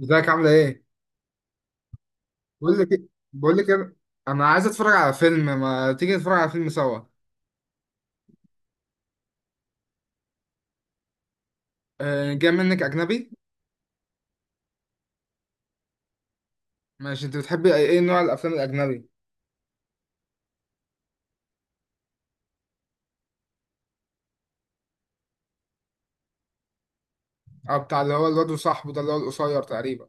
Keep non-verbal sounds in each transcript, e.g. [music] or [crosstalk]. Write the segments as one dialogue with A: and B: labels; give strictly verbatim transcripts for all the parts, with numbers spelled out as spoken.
A: ازيك عاملة ايه؟ بقول لك إيه- بقول لك إيه، انا عايز اتفرج على فيلم. ما تيجي نتفرج على فيلم سوا؟ أه جاي منك اجنبي. ماشي، انت بتحبي ايه نوع الافلام الاجنبي؟ او بتاع اللي هو الواد وصاحبه ده اللي هو القصير تقريبا؟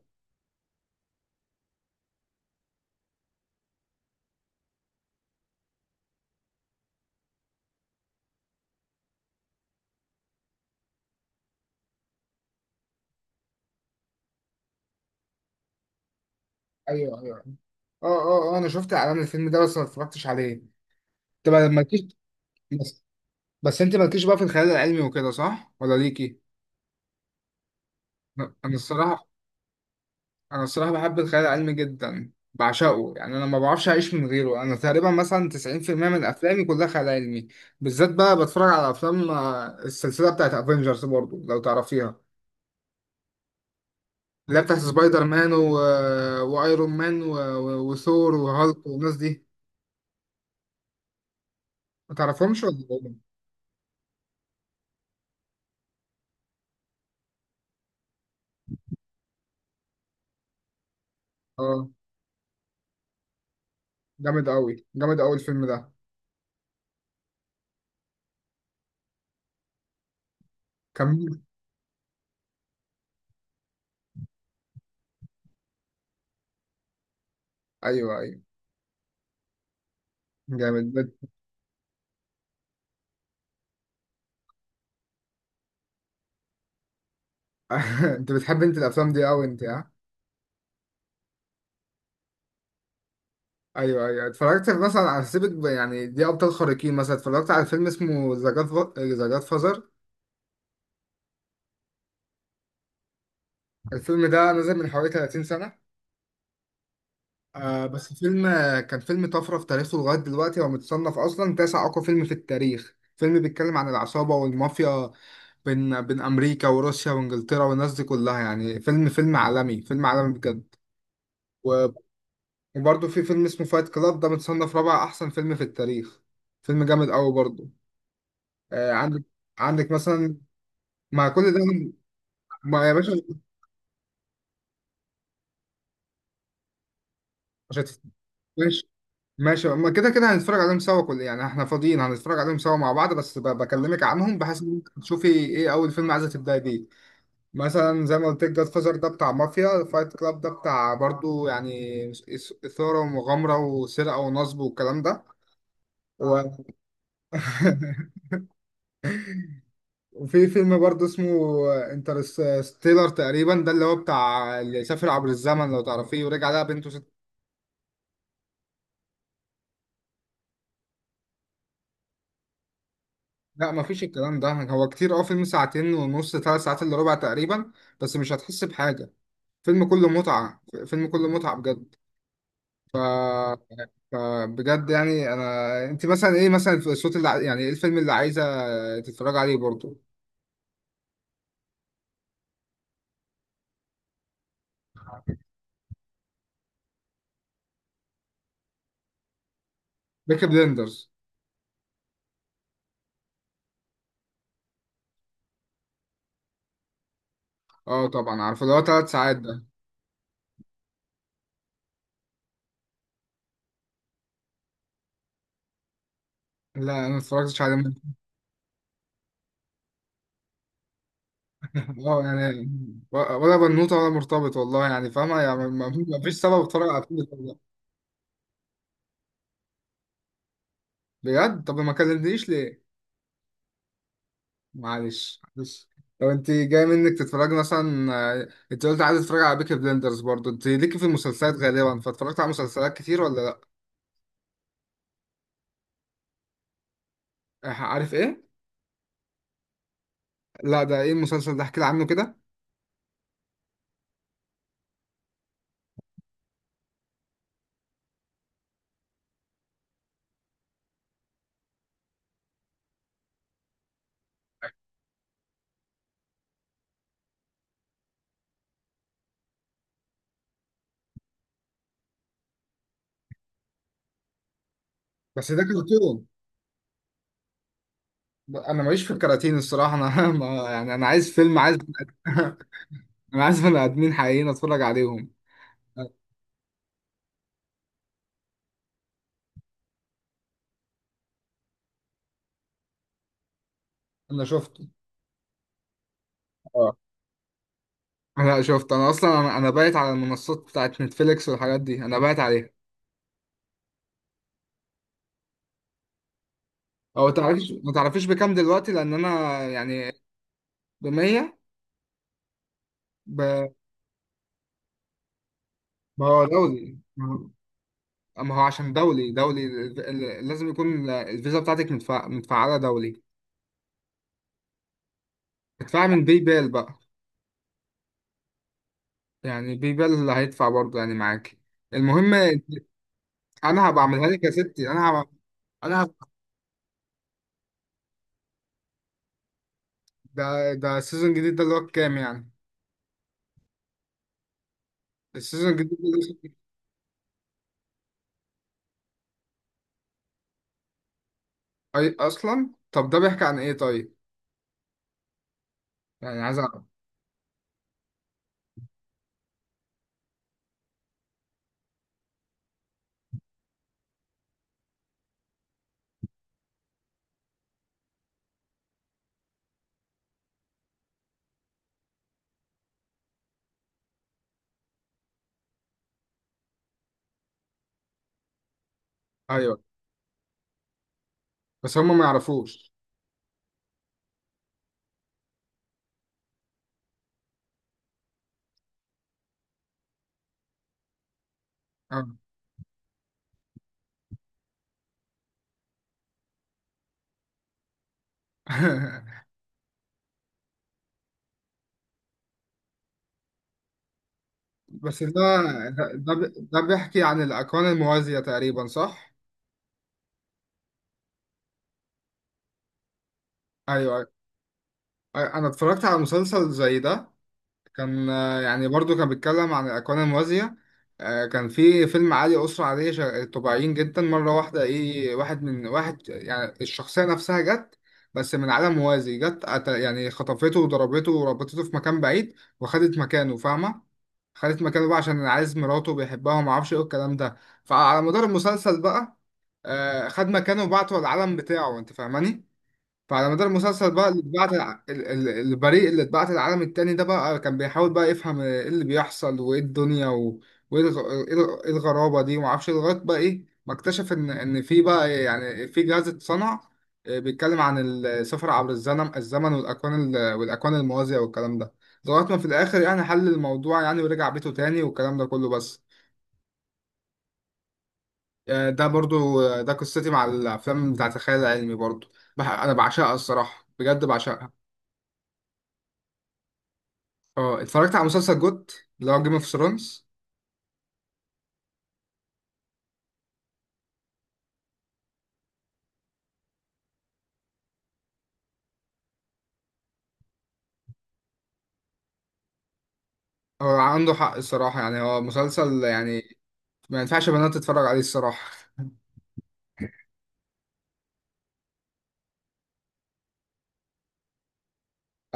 A: ايوه ايوه. اه اه اه انا شفت اعلان الفيلم ده بس ما اتفرجتش عليه. طب مالكيش. بس بس انت مالكيش بقى في الخيال العلمي وكده، صح ولا ليكي؟ لا، انا الصراحة انا الصراحه بحب الخيال العلمي جدا، بعشقه يعني، انا ما بعرفش اعيش من غيره. انا تقريبا مثلا تسعين في المية من افلامي كلها خيال علمي. بالذات بقى بتفرج على افلام آه، السلسله بتاعت افنجرز برضو لو تعرفيها، اللي هي بتاعت سبايدر مان و... وايرون مان و... و... وثور وهالك والناس دي. ما تعرفهمش ولا إيه؟ اه، جامد قوي جامد قوي الفيلم ده. كمل. ايوه ايوه. جامد بت- [laughs] انت بتحب انت الافلام دي قوي انت ها؟ ايوه ايوه. اتفرجت مثلا على، سيبك يعني دي ابطال خارقين، مثلا اتفرجت على فيلم اسمه ذا جاد، ذا جاد فازر. الفيلم ده نزل من حوالي تلاتين سنه، آه بس فيلم، كان فيلم طفره في تاريخه لغايه دلوقتي. هو متصنف اصلا تاسع اقوى فيلم في التاريخ. فيلم بيتكلم عن العصابه والمافيا بين بين امريكا وروسيا وانجلترا والناس دي كلها. يعني فيلم فيلم عالمي، فيلم عالمي بجد. و- وبرضه في فيلم اسمه فايت كلاب، ده متصنف رابع احسن فيلم في التاريخ. فيلم جامد قوي برضه. آه، عندك، عندك مثلا، مع كل ده، ما يا باشا. مش هتف- ماشي ماشي. ما كده كده هنتفرج عليهم سوا، كل يعني احنا فاضيين هنتفرج عليهم سوا مع بعض، بس ب- بكلمك عنهم بحيث ان انت تشوفي ايه اول فيلم عايزه تبداي بيه. مثلا زي ما قلت لك، جاد فازر ده بتاع مافيا، فايت كلاب ده بتاع برضو يعني إث- اثاره ومغامره وسرقه ونصب والكلام ده و... [laughs] وفي فيلم برضو اسمه انترستيلر تقريبا، ده اللي هو بتاع اللي سافر عبر الزمن لو تعرفيه ورجع لها بنته. لا مفيش الكلام ده هو كتير. اه فيلم ساعتين ونص، ثلاث ساعات الا ربع تقريبا، بس مش هتحس بحاجة. فيلم كله متعة، فيلم كله متعة بجد. فبجد يعني انا، انت مثلا ايه مثلا الصوت اللي ع- يعني ايه الفيلم اللي عايزة تتفرج عليه برضه؟ بيكي بليندرز. اه طبعا عارفه، اللي هو ثلاث ساعات ده. لا انا ما اتفرجتش عليه من- [laughs] اه يعني، و- ولا بنوته ولا مرتبط والله يعني، فاهمه يعني، ما ما- ما فيش سبب اتفرج على الفيلم ده. بجد؟ طب ما كلمتنيش ليه. معلش معلش. لو انت جاي منك تتفرجي مثلا، آه، انت قلت عايز تتفرجي على بيكي بلندرز برضو، انت ليكي في المسلسلات غالبا، فاتفرجت على مسلسلات كتير ولا لا؟ آه، عارف ايه؟ لا، ده ايه المسلسل ده؟ احكي لي عنه كده. بس ده كرتون. انا ماليش في الكراتين الصراحه انا [laughs] ما يعني انا عايز فيلم، عايز بني آدم- [laughs] انا عايز بني ادمين حقيقيين اتفرج عليهم. آه، انا شفته. اه انا شفت، انا اصلا انا انا بايت على المنصات بتاعت نتفليكس والحاجات دي انا بايت عليها. او تعرفيش، ما تعرفيش بكام دلوقتي؟ لان انا يعني ب مية ب- ما هو دولي. ما هو عشان دولي دولي ال- ال- لازم يكون الفيزا بتاعتك مدفع متفعلة دولي. ادفع من باي بال بقى، يعني باي بال اللي هيدفع برضه يعني معاك. المهم، انا هبقى اعملها لك يا ستي، انا هبقى انا هبقى. ده ده السيزون الجديد ده اللي هو كام يعني؟ السيزون الجديد ده لسه- أي- اصلا طب ده بيحكي عن ايه طيب؟ يعني عايز اعرف. ايوه، بس هم ما يعرفوش. اه [laughs] بس ده ده ده بيحكي عن الاكوان الموازية تقريبا، صح؟ ايوه أيوه. انا اتفرجت على مسلسل زي ده، كان آه، يعني برضو كان بيتكلم عن الاكوان الموازية. آه، كان في فيلم، عالي اسرة عادية شا- طبيعيين جدا، مرة واحدة ايه واحد من واحد يعني الشخصية نفسها جت بس من عالم موازي، جت أت- يعني خطفته وضربته وربطته في مكان بعيد وخدت مكانه، فاهمة؟ خدت مكانه بقى عشان عايز مراته وبيحبها وما اعرفش ايه الكلام ده. فعلى مدار المسلسل بقى، آه، خد مكانه وبعته العالم بتاعه، انت فاهماني. فعلى مدار المسلسل بقى اللي اتبعت الع- ال- ال- البريء اللي اتبعت العالم التاني ده بقى، كان بيحاول بقى يفهم ايه اللي بيحصل وايه الدنيا و- وايه الغ- ايه الغ- إيه الغرابة دي ومعرفش إيه، لغاية بقى ايه ما اكتشف ان ان في بقى يعني في جهاز اتصنع، آه، بيتكلم عن السفر عبر الزمن، الزمن والاكوان ال- والاكوان الموازية والكلام ده، لغاية ما في الاخر يعني حل الموضوع يعني ورجع بيته تاني والكلام ده كله. بس آه، ده برضو آه، ده قصتي مع الافلام بتاعت الخيال العلمي برضو. بح- انا بعشقها الصراحة، بجد بعشقها. اه اتفرجت على مسلسل جوت، اللي هو جيم اوف ثرونز. هو عنده حق الصراحة يعني، هو مسلسل يعني ما ينفعش بنات تتفرج عليه الصراحة.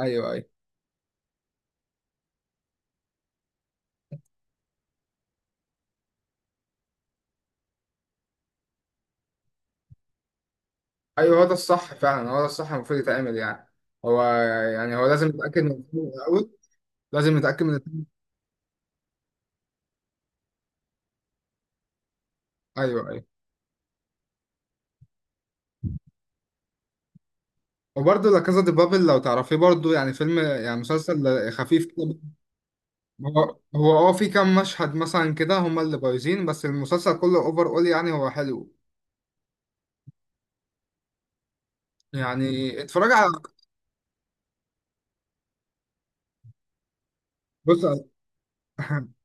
A: [laughs] ايوه ايوه. ايوه هو ده الصح فعلا، هو ده الصح المفروض يتعمل يعني. هو، يعني هو لازم يتأكد من الفيلم الأول، لازم يتأكد من الفيلم. ايوه ايوه. وبرضه لا كازا دي بابل لو تعرفيه برضه، يعني فيلم يعني مسلسل خفيف كده. هو هو اه في كام مشهد مثلا كده هما اللي بايظين، بس المسلسل كله اوفر اول يعني، هو حلو يعني، اتفرج على، بص.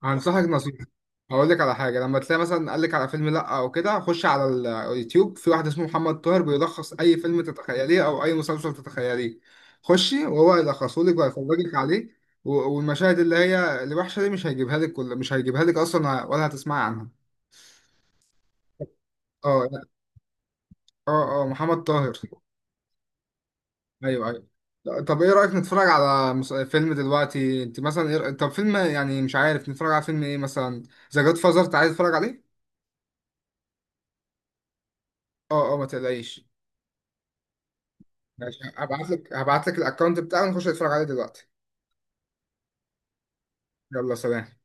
A: هنصحك نصيحة، هقول لك على حاجة. لما تلاقي مثلا قال لك على فيلم لأ أو كده، خش على ال- اليوتيوب في واحد اسمه محمد طاهر، بيلخص أي فيلم تتخيليه أو أي مسلسل تتخيليه. خشي وهو يلخصه لك ويفرجك عليه، و- والمشاهد اللي هي الوحشة دي مش هيجيبها لك، كل مش هيجيبها لك أصلا ولا هتسمعي عنها. اه. اه اه محمد طاهر، أيوه أيوه. لا، طب إيه رأيك نتفرج على مس- فيلم دلوقتي؟ أنت مثلا إيه رأ- طب فيلم يعني، مش عارف نتفرج على فيلم إيه مثلا؟ ذا جاد فازر، أنت عايز تتفرج عليه؟ اه اه ما تقلقيش. ماشي، هبعت لك هبعت لك الاكونت بتاعه، نخش نتفرج عليه دلوقتي. يلا سلام.